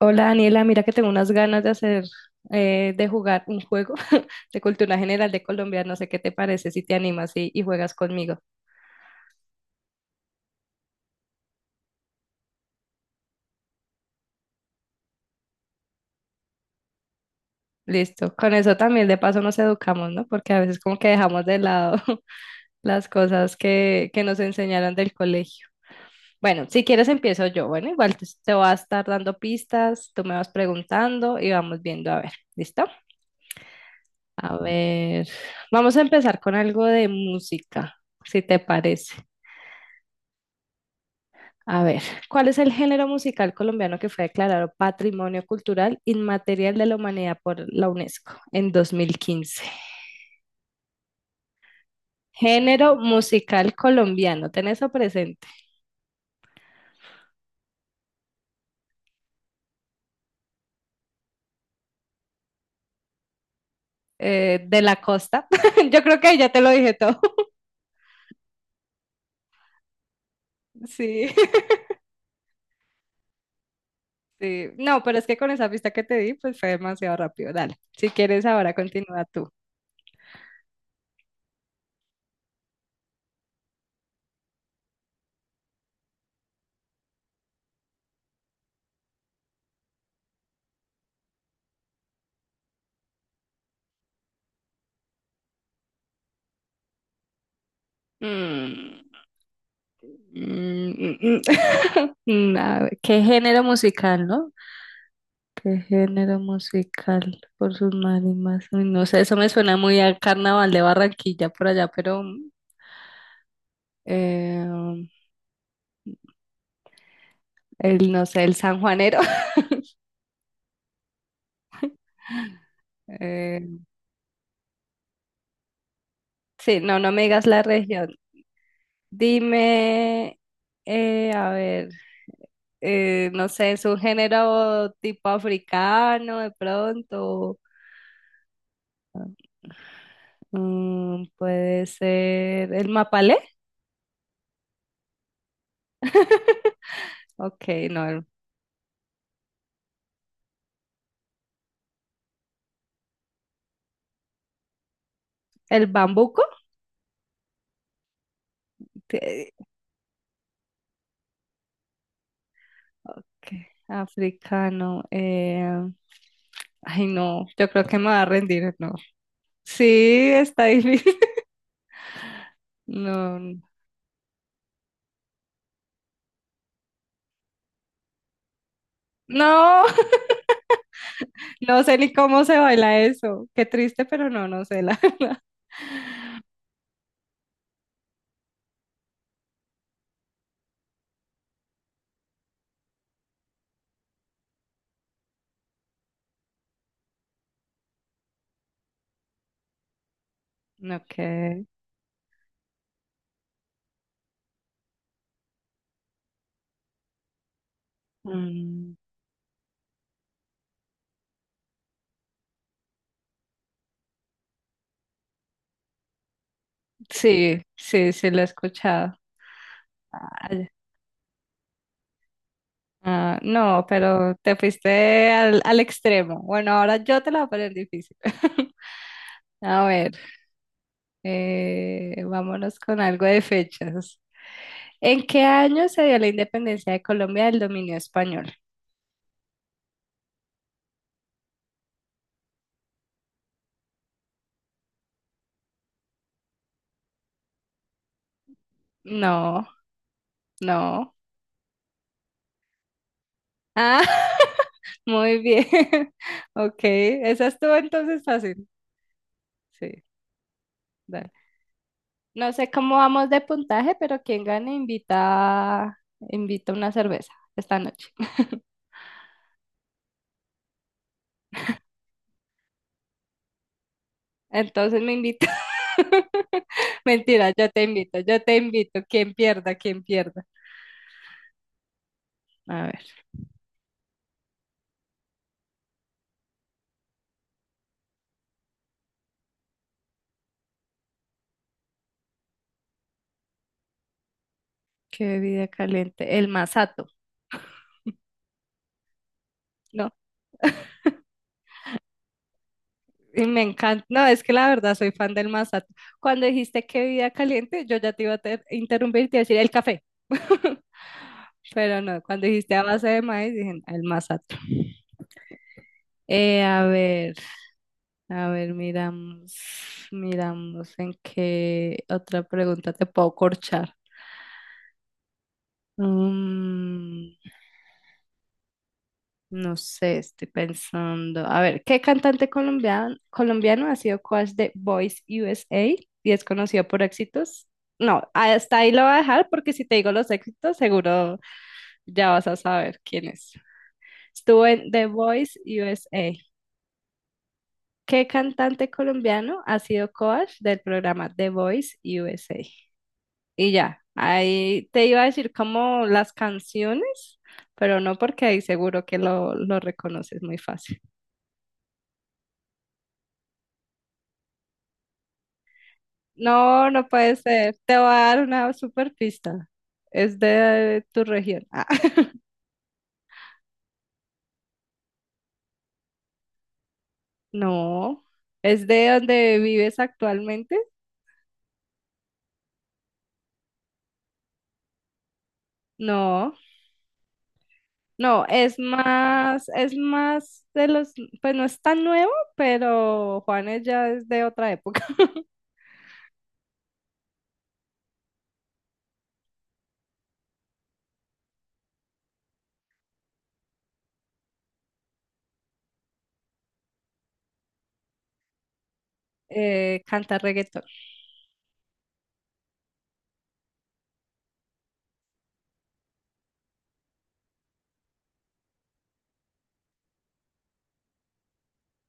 Hola Daniela, mira que tengo unas ganas de hacer, de jugar un juego de cultura general de Colombia. No sé qué te parece si te animas y juegas conmigo. Listo. Con eso también de paso nos educamos, ¿no? Porque a veces como que dejamos de lado las cosas que nos enseñaron del colegio. Bueno, si quieres empiezo yo. Bueno, igual te voy a estar dando pistas, tú me vas preguntando y vamos viendo a ver. ¿Listo? A ver, vamos a empezar con algo de música, si te parece. A ver, ¿cuál es el género musical colombiano que fue declarado Patrimonio Cultural Inmaterial de la Humanidad por la UNESCO en 2015? Género musical colombiano, ¿tenés eso presente? De la costa. Yo creo que ahí ya te lo dije todo. Sí, sí. No, pero es que con esa pista que te di, pues fue demasiado rápido. Dale, si quieres ahora continúa tú. Mm, mm, mm, mm. Mm, a ver, ¿qué género musical, no? ¿Qué género musical por sus marimas? Uy, no sé, eso me suena muy al carnaval de Barranquilla por allá, pero eh, no sé, el sanjuanero. Eh, sí, no, no me digas la región. Dime, a ver, no sé, es un género tipo africano de pronto. Mm, puede ser el mapalé. Ok, no, el bambuco. Que- africano. No, yo creo que me va a rendir, no. Sí, está difícil. No, no, no sé ni cómo se baila eso. Qué triste, pero no, no sé la verdad. Ok. Mm, sí, sí, sí lo he escuchado. Ay, no, pero te fuiste al extremo. Bueno, ahora yo te la voy a poner difícil. A ver. Vámonos con algo de fechas. ¿En qué año se dio la independencia de Colombia del dominio español? No, no. Ah, muy bien. Ok, esa estuvo entonces fácil. Sí, dale. No sé cómo vamos de puntaje, pero quien gane invita, invita una cerveza esta noche. Entonces me invita. Mentira, yo te invito, yo te invito. Quien pierda, quien pierda. A ver. Qué bebida caliente. El masato, ¿no? Y me encanta. No, es que la verdad soy fan del masato. Cuando dijiste qué bebida caliente, yo ya te iba a interrumpir y te iba a decir el café. Pero no, cuando dijiste a base de maíz, dije "No, el masato". Eh, a ver, a ver, miramos, miramos en qué otra pregunta te puedo corchar. Mm, no sé, estoy pensando. A ver, ¿qué cantante colombiano ha sido coach de Voice USA y es conocido por éxitos? No, hasta ahí lo voy a dejar porque si te digo los éxitos, seguro ya vas a saber quién es. Estuvo en The Voice USA. ¿Qué cantante colombiano ha sido coach del programa The Voice USA? Y ya, ahí te iba a decir como las canciones, pero no porque ahí seguro que lo reconoces muy fácil. No, no puede ser. Te voy a dar una super pista. Es de tu región. Ah, no. ¿Es de donde vives actualmente? No. No, es más de los, pues no es tan nuevo, pero Juanes ya es de otra época. Canta reggaetón.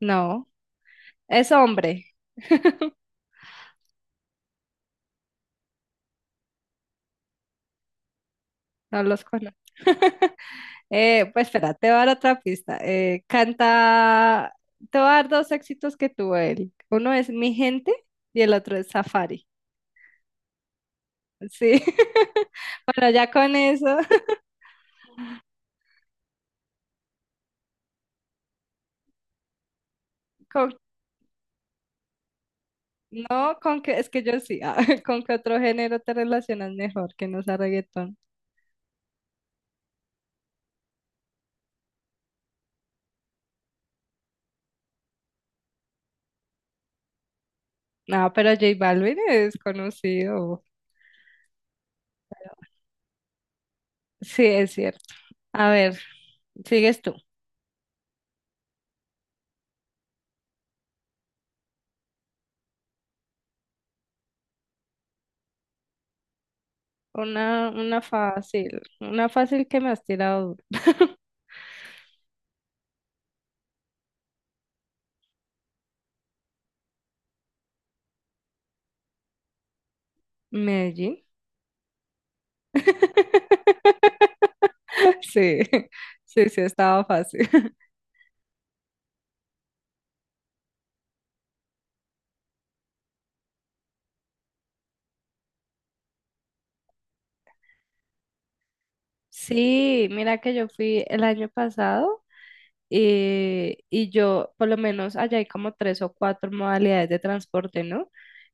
No. Es hombre. No los conozco. Pues espera, te voy a dar otra pista. Te voy a dar dos éxitos que tuvo él. Uno es Mi Gente y el otro es Safari. Sí. Bueno, ya con eso, con, no, con que, es que yo sí, ah, con qué otro género te relacionas mejor que no sea reggaetón. No, pero J Balvin es conocido. Sí, es cierto. A ver, sigues tú. Una fácil que me has tirado duro. Medellín. Sí, sí, sí, estaba fácil. Sí, mira que yo fui el año pasado y yo, por lo menos allá hay como tres o cuatro modalidades de transporte, ¿no?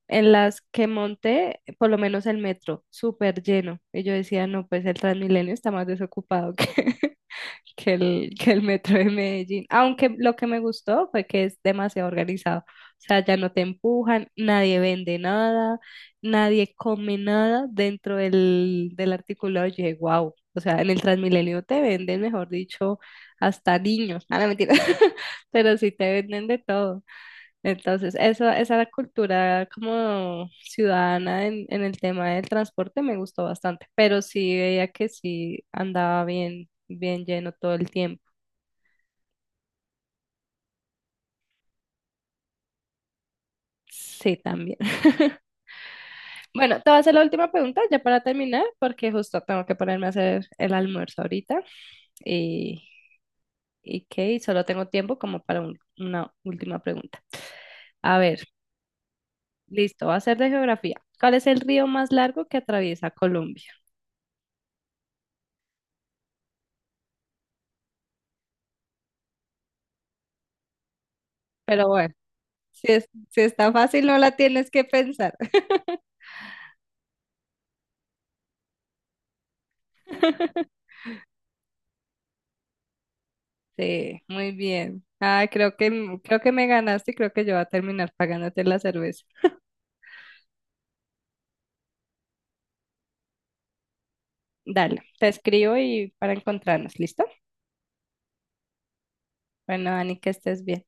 En las que monté, por lo menos el metro, súper lleno. Y yo decía, no, pues el Transmilenio está más desocupado que que el metro de Medellín. Aunque lo que me gustó fue que es demasiado organizado. O sea, ya no te empujan, nadie vende nada, nadie come nada dentro del articulado. Yo dije, wow. O sea, en el Transmilenio te venden, mejor dicho, hasta niños. Ah, no, mentira. Pero sí te venden de todo. Entonces, eso, esa cultura como ciudadana en el tema del transporte me gustó bastante, pero sí veía que sí andaba bien, bien lleno todo el tiempo. Sí, también. Bueno, te voy a hacer la última pregunta ya para terminar, porque justo tengo que ponerme a hacer el almuerzo ahorita y, y que solo tengo tiempo como para una última pregunta. A ver, listo, va a ser de geografía. ¿Cuál es el río más largo que atraviesa Colombia? Pero bueno. Si, si está fácil, no la tienes que pensar. Sí, muy bien. Ah, creo que, creo que me ganaste y creo que yo voy a terminar pagándote la cerveza. Dale, te escribo y para encontrarnos, ¿listo? Bueno, Ani, que estés bien.